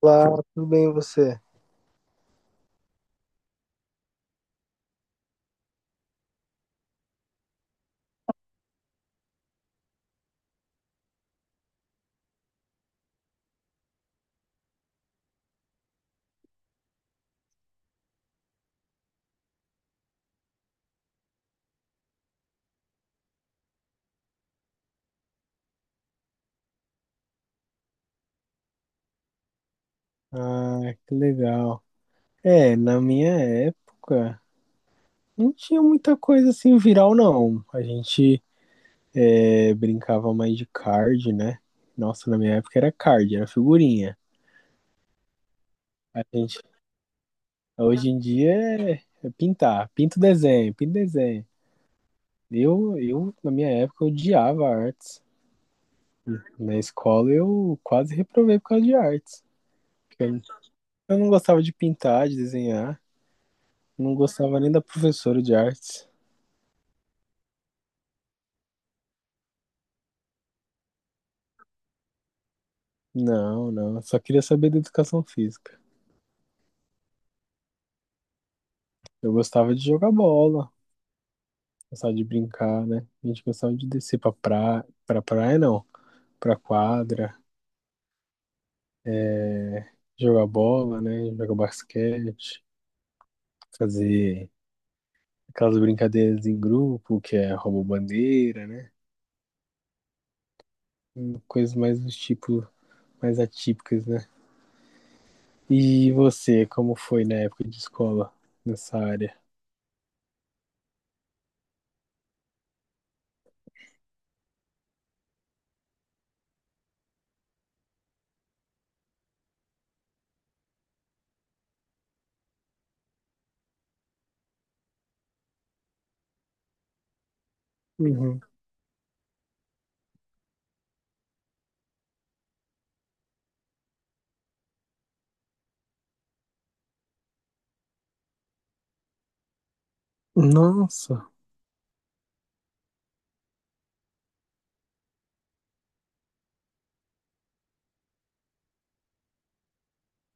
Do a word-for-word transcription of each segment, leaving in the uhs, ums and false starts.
Olá, tudo bem e você? Ah, que legal. É, na minha época, não tinha muita coisa assim viral, não. A gente é, brincava mais de card, né? Nossa, na minha época era card, era figurinha. A gente, hoje em dia é, É pintar, pinta o desenho, pinta o desenho. Eu, eu, na minha época, odiava artes. Na escola eu quase reprovei por causa de artes, porque Eu eu não gostava de pintar, de desenhar. Não gostava nem da professora de artes. Não, não. Eu só queria saber da educação física. Eu gostava de jogar bola, gostava de brincar, né? A gente gostava de descer pra praia, pra praia não, pra quadra, é, jogar bola, né? Jogar basquete, fazer aquelas brincadeiras em grupo, que é rouba-bandeira, né? Hum, Coisas mais do tipo, mais atípicas, né? E você, como foi na época de escola nessa área? Uhum. Nossa,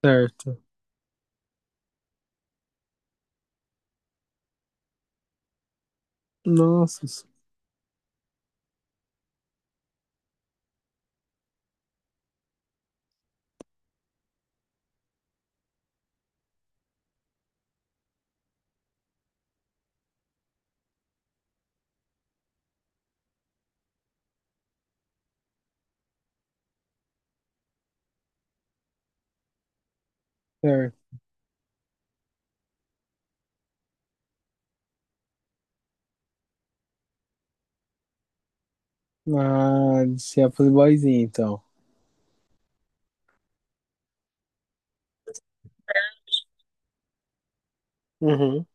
certo. Nossa, certo. Ah, você é playboyzinho, então. Uhum.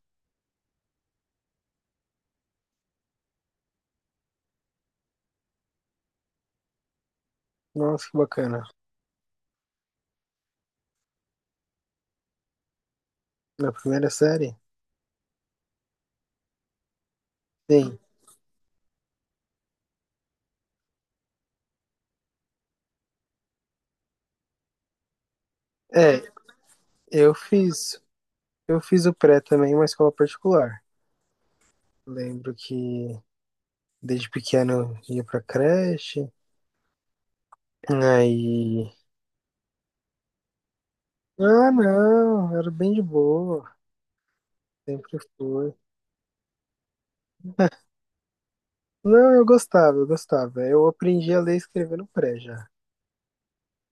Nossa, que bacana. Na primeira série? Sim. É, eu fiz. Eu fiz o pré também em uma escola particular. Lembro que desde pequeno eu ia pra creche. Aí. Ah, não, era bem de boa. Sempre foi. Não, eu gostava, eu gostava. Eu aprendi a ler e escrever no pré já.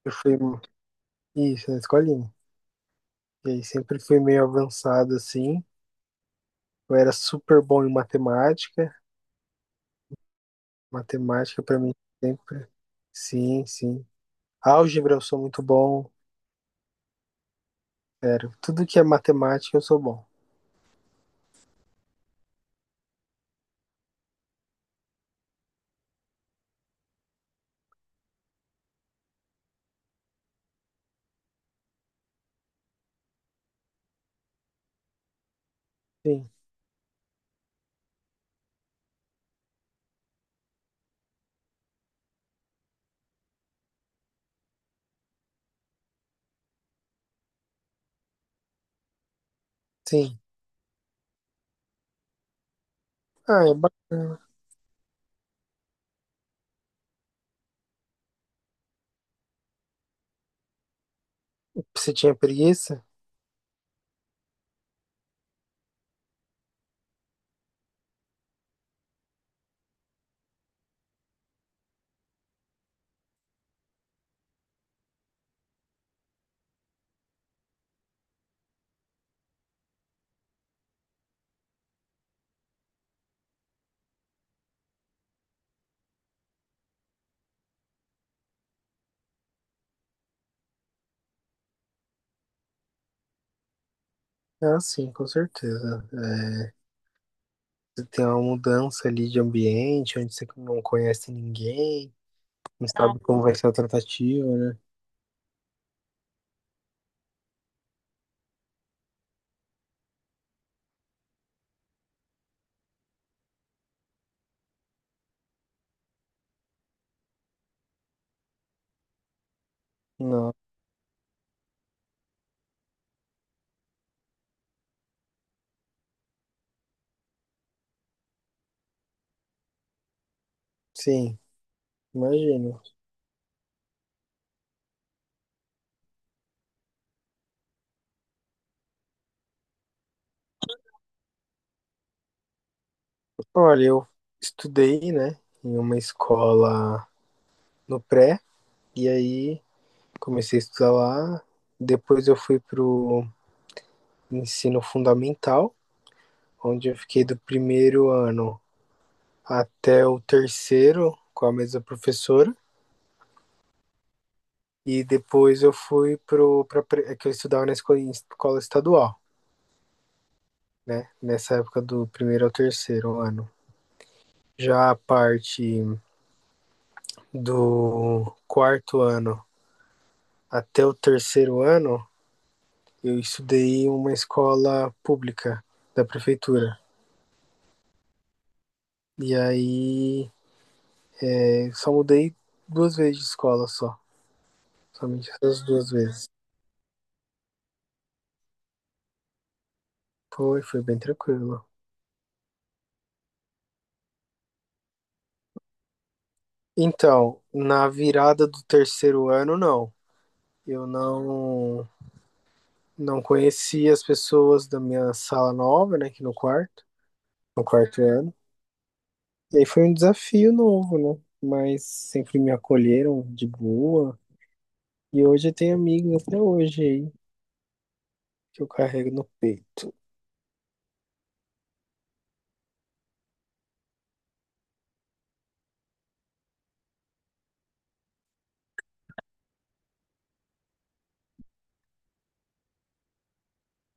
Eu fui. Isso, na escolinha. E aí sempre fui meio avançado assim. Eu era super bom em matemática. Matemática para mim sempre. Sim, sim. Álgebra eu sou muito bom. Sério, tudo que é matemática eu sou bom. Sim, sim. Ah, é bacana. Você tinha preguiça? Ah, sim, com certeza. Você tem uma mudança ali de ambiente, onde você não conhece ninguém, não. Ah, sabe como vai ser a tratativa, né? Não, sim, imagino. Olha, eu estudei, né, em uma escola no pré, e aí comecei a estudar lá. Depois eu fui pro ensino fundamental, onde eu fiquei do primeiro ano até o terceiro com a mesma professora. E depois eu fui pro, para que eu estudava na escola, escola estadual, né? Nessa época do primeiro ao terceiro ano. Já a parte do quarto ano até o terceiro ano, eu estudei em uma escola pública da prefeitura. E aí eu só mudei duas vezes de escola só. Somente essas duas vezes. Foi, foi bem tranquilo. Então, na virada do terceiro ano, não. Eu não não conheci as pessoas da minha sala nova, né, aqui no quarto, no quarto ano. E aí foi um desafio novo, né? Mas sempre me acolheram de boa. E hoje eu tenho amigos até hoje aí, que eu carrego no peito.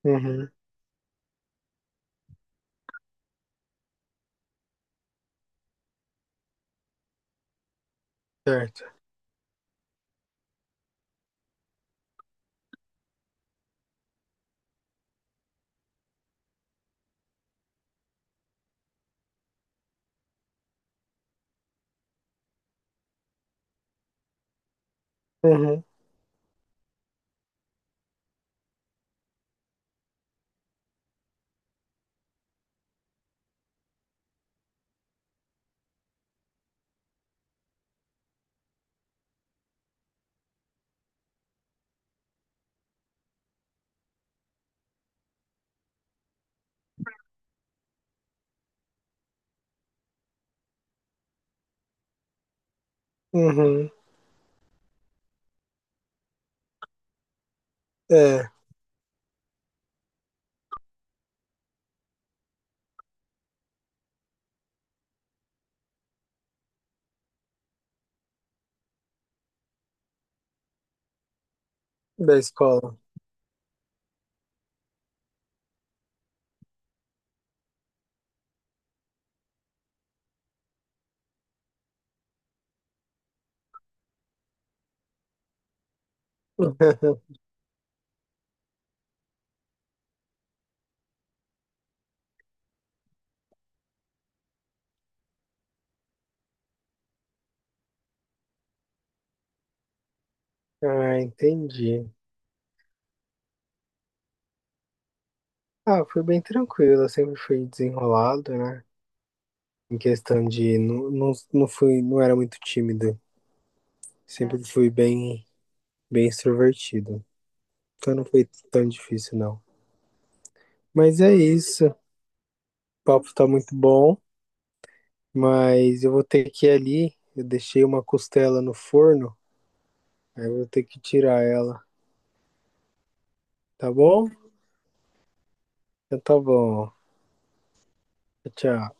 Uhum, certo. Uhum, uhum. É, da escola. Ah, entendi. Ah, foi bem tranquilo, eu sempre fui desenrolado, né? Em questão de não, não, não fui, não era muito tímido. Sempre fui bem, bem extrovertido. Então não foi tão difícil, não. Mas é isso. O papo tá muito bom, mas eu vou ter que ir. Eu deixei uma costela no forno, aí eu vou ter que tirar ela, tá bom? Então tá bom. Tchau.